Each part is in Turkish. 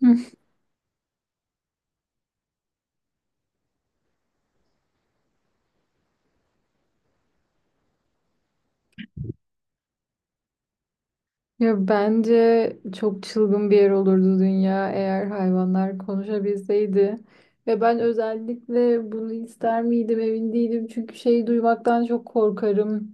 Hı. Ya bence çok çılgın bir yer olurdu dünya eğer hayvanlar konuşabilseydi. Ve ben özellikle bunu ister miydim emin değilim. Çünkü şeyi duymaktan çok korkarım.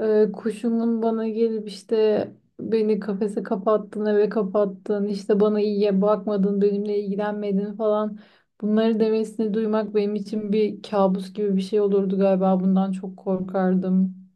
Kuşumun bana gelip işte beni kafese kapattın, eve kapattın, işte bana iyiye bakmadın, benimle ilgilenmedin falan. Bunları demesini duymak benim için bir kabus gibi bir şey olurdu galiba. Bundan çok korkardım.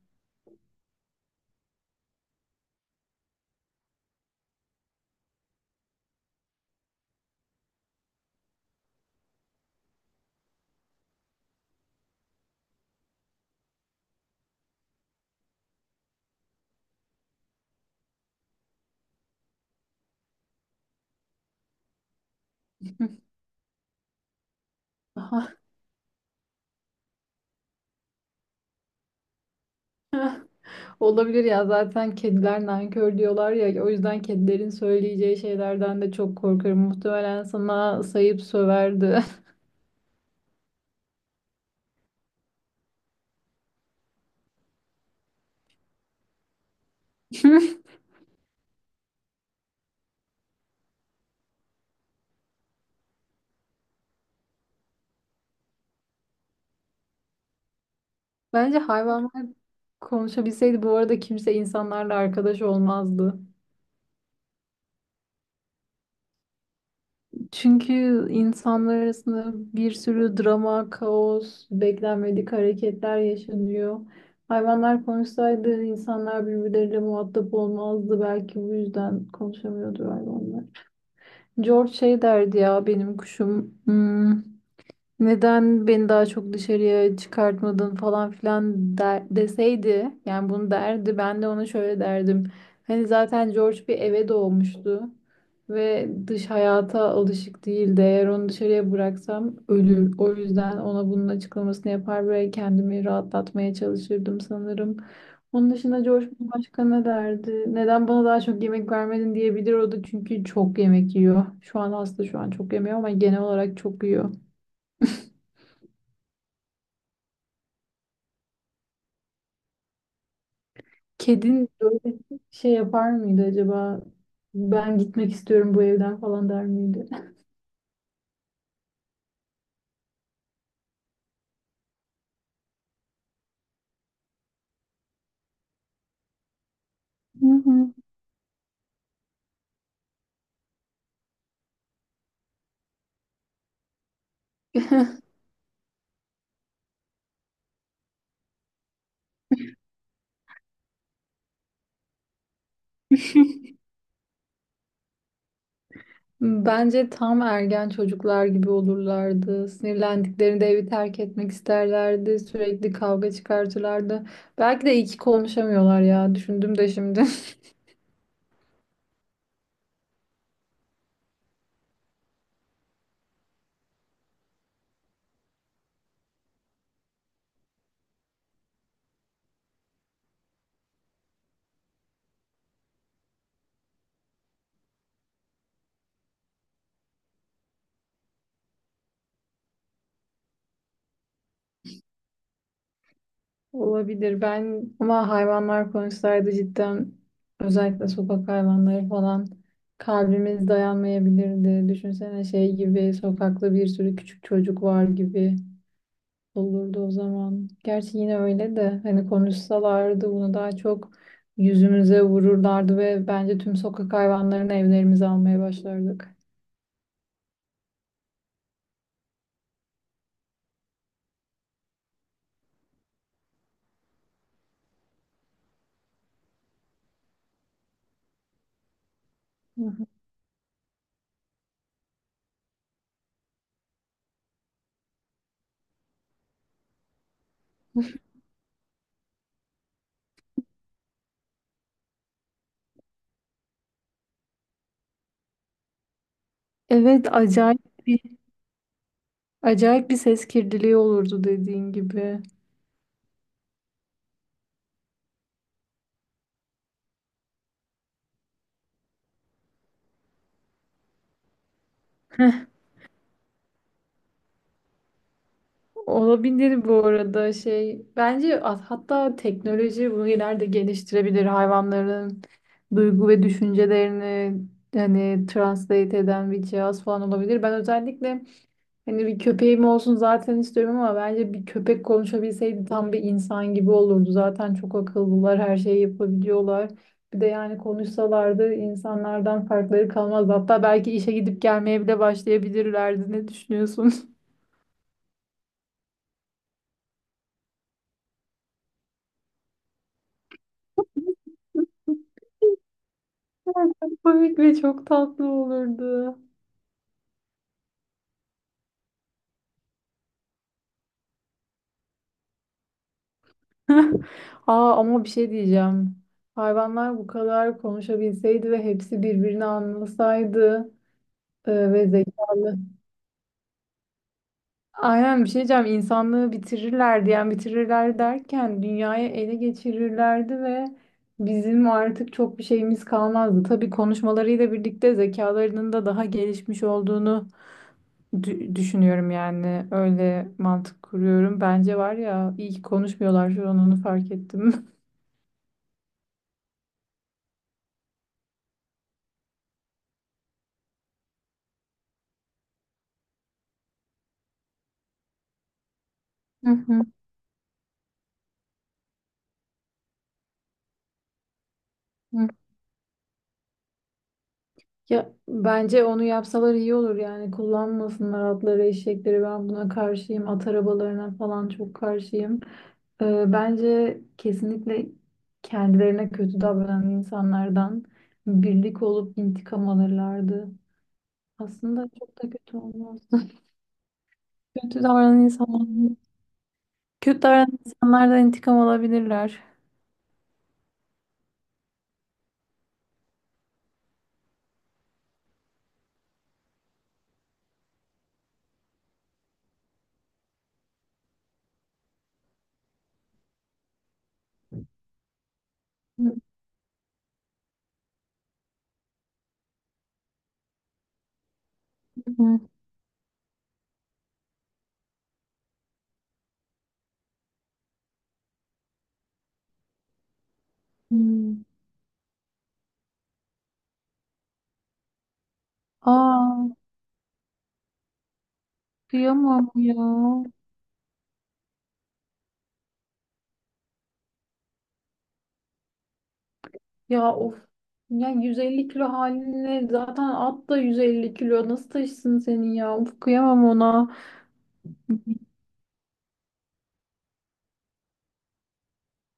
Olabilir ya zaten kediler nankör diyorlar ya o yüzden kedilerin söyleyeceği şeylerden de çok korkarım. Muhtemelen sana sayıp söverdi. Bence hayvanlar konuşabilseydi bu arada kimse insanlarla arkadaş olmazdı. Çünkü insanlar arasında bir sürü drama, kaos, beklenmedik hareketler yaşanıyor. Hayvanlar konuşsaydı insanlar birbirleriyle muhatap olmazdı. Belki bu yüzden konuşamıyordu hayvanlar. George şey derdi ya benim kuşum. Neden beni daha çok dışarıya çıkartmadın falan filan der, deseydi yani bunu derdi ben de ona şöyle derdim. Hani zaten George bir eve doğmuştu ve dış hayata alışık değildi. Eğer onu dışarıya bıraksam ölür. O yüzden ona bunun açıklamasını yapar ve kendimi rahatlatmaya çalışırdım sanırım. Onun dışında George başka ne derdi? Neden bana daha çok yemek vermedin diyebilir o da çünkü çok yemek yiyor. Şu an hasta şu an çok yemiyor ama genel olarak çok yiyor. Kedin böyle şey yapar mıydı acaba? Ben gitmek istiyorum bu evden falan der miydi? Hı hı. Bence tam ergen çocuklar gibi olurlardı. Sinirlendiklerinde evi terk etmek isterlerdi. Sürekli kavga çıkartırlardı. Belki de iyi ki konuşamıyorlar ya. Düşündüm de şimdi. Olabilir. Ben ama hayvanlar konuşsaydı cidden özellikle sokak hayvanları falan kalbimiz dayanmayabilirdi. Düşünsene şey gibi sokakta bir sürü küçük çocuk var gibi olurdu o zaman. Gerçi yine öyle de hani konuşsalardı bunu daha çok yüzümüze vururlardı ve bence tüm sokak hayvanlarını evlerimize almaya başlardık. Hı hı. Evet, bir acayip bir ses kirliliği olurdu dediğin gibi. Olabilir bu arada şey. Bence hatta teknoloji bunu ileride geliştirebilir. Hayvanların duygu ve düşüncelerini hani translate eden bir cihaz falan olabilir. Ben özellikle hani bir köpeğim olsun zaten istiyorum ama bence bir köpek konuşabilseydi tam bir insan gibi olurdu. Zaten çok akıllılar, her şeyi yapabiliyorlar. Bir de yani konuşsalardı insanlardan farkları kalmaz. Hatta belki işe gidip gelmeye bile başlayabilirlerdi. Ne düşünüyorsun? Ay, çok komik ve çok tatlı olurdu. Aa, ama bir şey diyeceğim. Hayvanlar bu kadar konuşabilseydi ve hepsi birbirini anlasaydı ve zekalı. Aynen bir şey diyeceğim. İnsanlığı bitirirlerdi. Yani bitirirler derken dünyayı ele geçirirlerdi ve bizim artık çok bir şeyimiz kalmazdı. Tabii konuşmalarıyla birlikte zekalarının da daha gelişmiş olduğunu düşünüyorum yani öyle mantık kuruyorum. Bence var ya iyi ki konuşmuyorlar şu an onu fark ettim. Hı hı, hı. Ya bence onu yapsalar iyi olur yani kullanmasınlar atları eşekleri ben buna karşıyım at arabalarına falan çok karşıyım. Bence kesinlikle kendilerine kötü davranan insanlardan birlik olup intikam alırlardı. Aslında çok da kötü olmaz. Kötü davranan insanlar, kötü davranan insanlardan intikam alabilirler. Hı hı. Hı. Aa, kıyamam ya. Ya of. Ya 150 kilo haline zaten at da 150 kilo. Nasıl taşısın seni ya? Of kıyamam ona.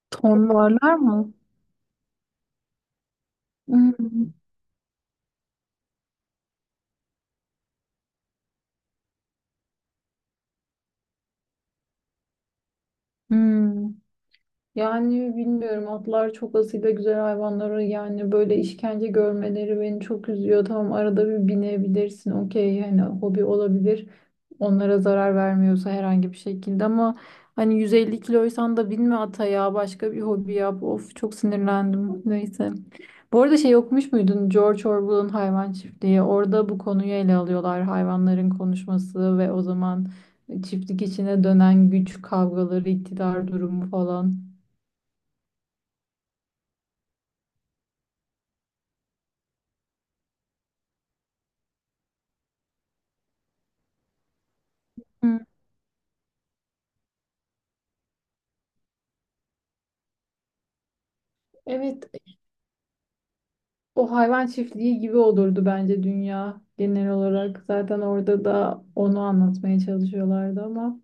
Ton varlar mı? Hmm, hmm. Yani bilmiyorum atlar çok asil ve güzel hayvanları yani böyle işkence görmeleri beni çok üzüyor. Tamam arada bir binebilirsin okey hani hobi olabilir. Onlara zarar vermiyorsa herhangi bir şekilde ama hani 150 kiloysan da binme ata ya başka bir hobi yap. Of çok sinirlendim neyse. Bu arada şey okumuş muydun George Orwell'ın Hayvan Çiftliği? Orada bu konuyu ele alıyorlar hayvanların konuşması ve o zaman çiftlik içine dönen güç kavgaları, iktidar durumu falan. Hı. Evet, o hayvan çiftliği gibi olurdu bence dünya genel olarak. Zaten orada da onu anlatmaya çalışıyorlardı ama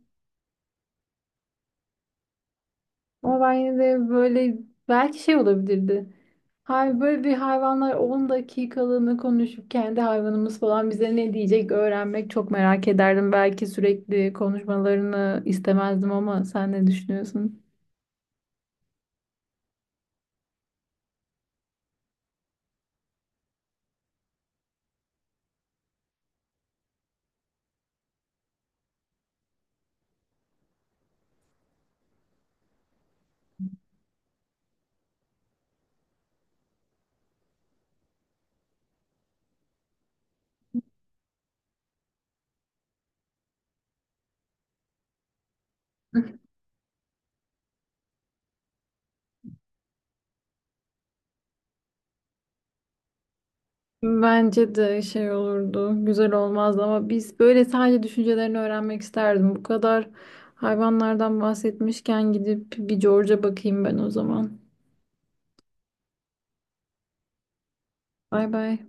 ama ben yine de böyle belki şey olabilirdi. Hay böyle bir hayvanlar 10 dakikalığını konuşup kendi hayvanımız falan bize ne diyecek öğrenmek çok merak ederdim. Belki sürekli konuşmalarını istemezdim ama sen ne düşünüyorsun? Bence de şey olurdu, güzel olmazdı ama biz böyle sadece düşüncelerini öğrenmek isterdim. Bu kadar hayvanlardan bahsetmişken gidip bir George'a bakayım ben o zaman. Bay bay.